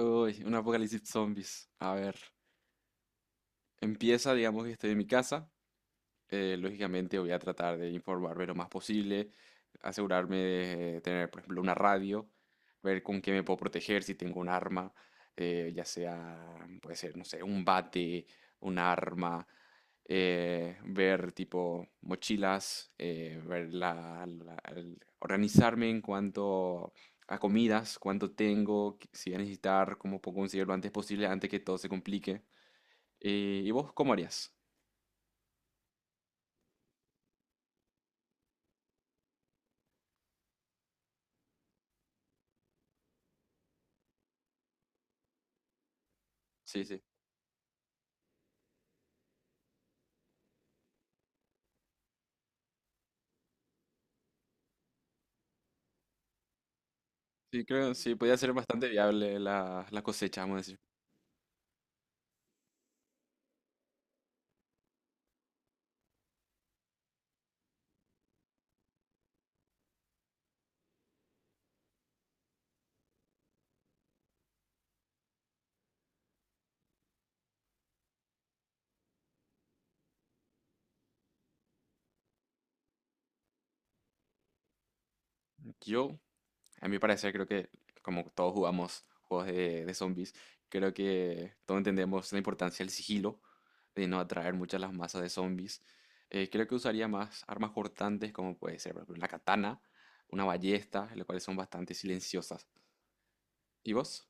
Uy, un apocalipsis zombies. A ver, empieza, digamos que estoy en mi casa, lógicamente voy a tratar de informarme lo más posible, asegurarme de tener, por ejemplo, una radio, ver con qué me puedo proteger si tengo un arma, ya sea, puede ser, no sé, un bate, un arma, ver tipo mochilas, ver organizarme en cuanto a comidas, cuánto tengo, si voy a necesitar, cómo puedo conseguirlo antes posible, antes que todo se complique. ¿y vos cómo harías? Sí, sí. Sí, creo, sí, podía ser bastante viable la cosecha, vamos a decir. Yo, a mi parecer, creo que como todos jugamos juegos de zombies, creo que todos entendemos la importancia del sigilo, de no atraer muchas las masas de zombies. Creo que usaría más armas cortantes, como puede ser, por ejemplo, la katana, una ballesta, las cuales son bastante silenciosas. ¿Y vos?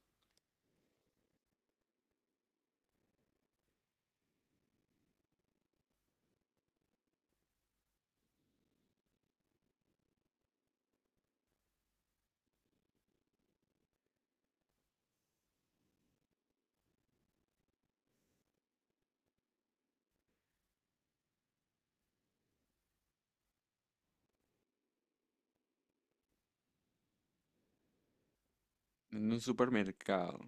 En un supermercado.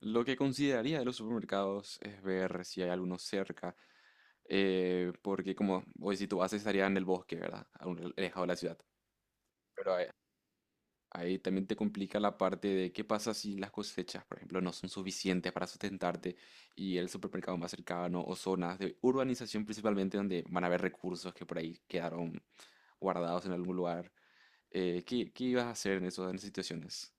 Lo que consideraría de los supermercados es ver si hay alguno cerca porque como hoy si tú haces estaría en el bosque, ¿verdad? A un alejado de la ciudad. Pero ahí también te complica la parte de qué pasa si las cosechas, por ejemplo, no son suficientes para sustentarte y el supermercado más cercano o zonas de urbanización principalmente donde van a haber recursos que por ahí quedaron guardados en algún lugar. ¿qué ibas a hacer en eso, en esas situaciones?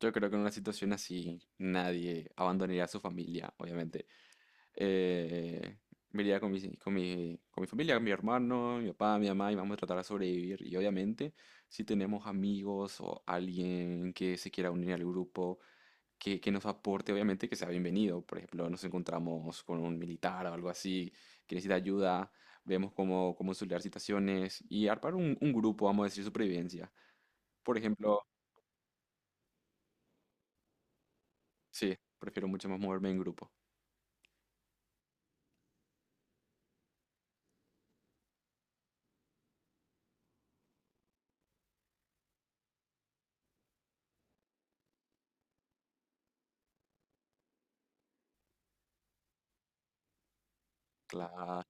Yo creo que en una situación así nadie abandonaría a su familia, obviamente. Eh, me iría con mi familia, con mi hermano, mi papá, mi mamá, y vamos a tratar de sobrevivir. Y obviamente, si tenemos amigos o alguien que se quiera unir al grupo, que nos aporte, obviamente que sea bienvenido. Por ejemplo, nos encontramos con un militar o algo así que necesita ayuda, vemos cómo solucionar situaciones y armar un grupo, vamos a decir, supervivencia. Por ejemplo, sí, prefiero mucho más moverme en grupo. La,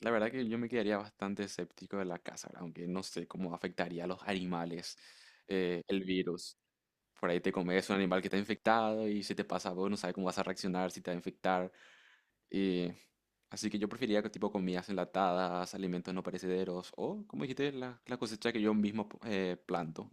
la verdad que yo me quedaría bastante escéptico de la caza, aunque no sé cómo afectaría a los animales el virus. Por ahí te comes un animal que está infectado y si te pasa a vos no sabes cómo vas a reaccionar, si te va a infectar. eh, Así que yo preferiría que tipo comidas enlatadas, alimentos no perecederos o, como dijiste, la cosecha que yo mismo planto.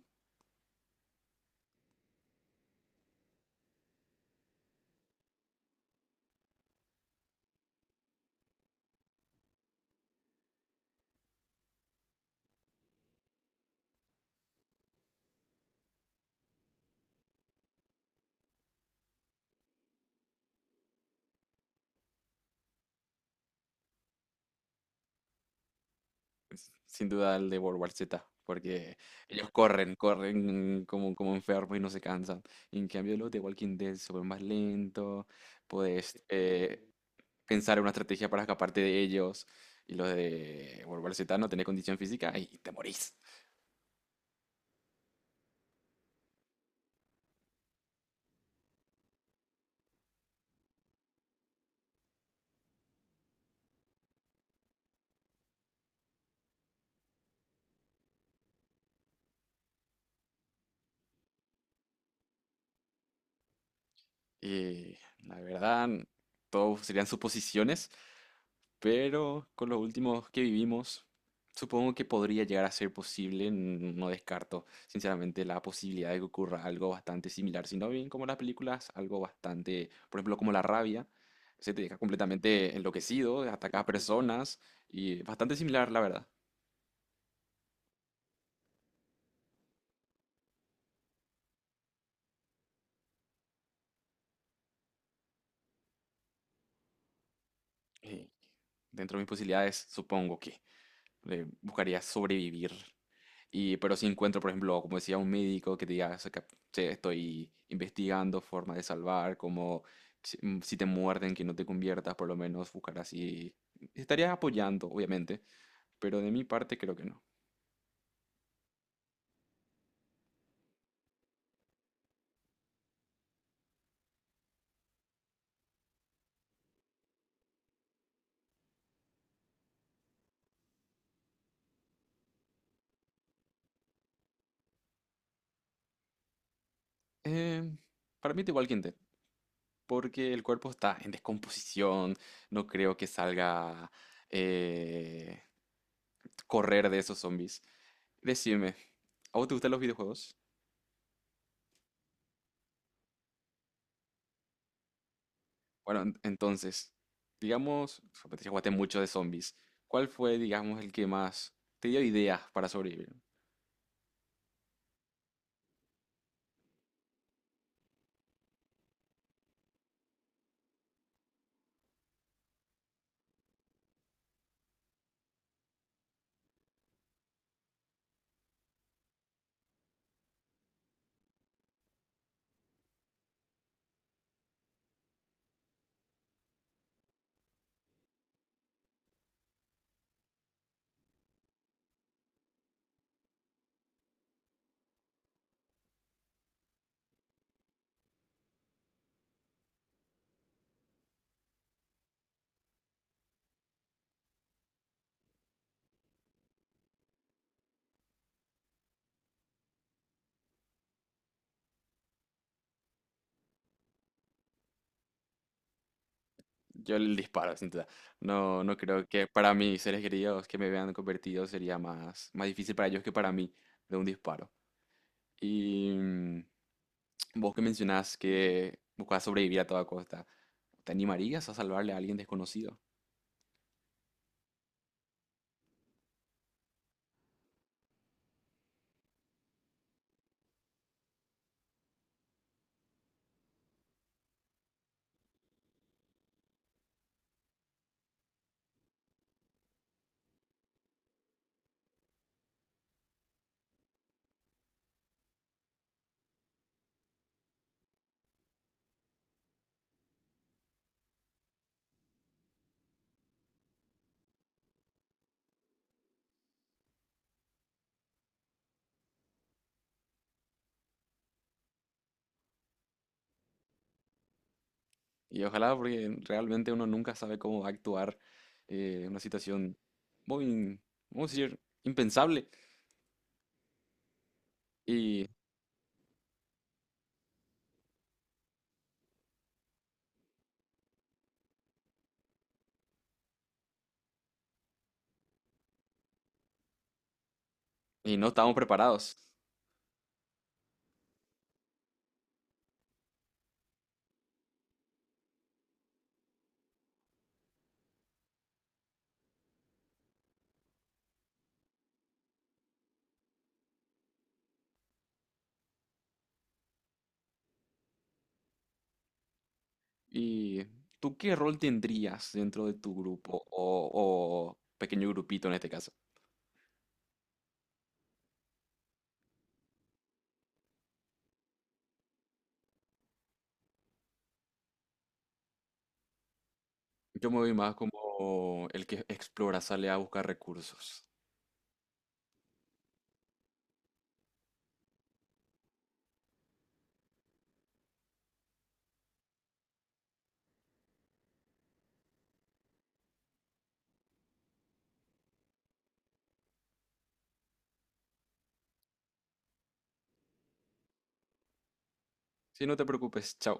Sin duda el de World War Z, porque ellos corren, corren como, como enfermos y no se cansan. Y en cambio, los de Walking Dead se vuelven más lentos, puedes pensar en una estrategia para escaparte de ellos. Y los de World War Z no tenés condición física y te morís. Y la verdad, todos serían suposiciones, pero con los últimos que vivimos, supongo que podría llegar a ser posible. No descarto, sinceramente, la posibilidad de que ocurra algo bastante similar, sino bien como las películas, algo bastante, por ejemplo, como la rabia, se te deja completamente enloquecido, ataca a personas y bastante similar, la verdad. Eh, dentro de mis posibilidades, supongo que buscaría sobrevivir. Y, pero si encuentro, por ejemplo, como decía, un médico que te diga, "Sé che, estoy investigando formas de salvar, como si, mm, si te muerden, que no te conviertas, por lo menos buscar así. Estaría apoyando, obviamente, pero de mi parte creo que no. Eh, para mí es igual que Intel, porque el cuerpo está en descomposición, no creo que salga eh, correr de esos zombies. Decime, ¿a vos te gustan los videojuegos? Bueno, entonces, digamos, o sea, te jugaste mucho de zombies. ¿Cuál fue, digamos, el que más te dio ideas para sobrevivir? Yo el disparo, sin duda. No, no creo que para mis seres queridos que me vean convertido sería más, más difícil para ellos que para mí de un disparo. Y mm, vos que mencionás que buscas sobrevivir a toda costa, ¿te animarías a salvarle a alguien desconocido? Y ojalá, porque realmente uno nunca sabe cómo va a actuar en una situación muy, vamos a decir, impensable y, y no estamos preparados. ¿Y tú qué rol tendrías dentro de tu grupo o pequeño grupito en este caso? Yo me voy más como el que explora, sale a buscar recursos. Si no te preocupes, chao.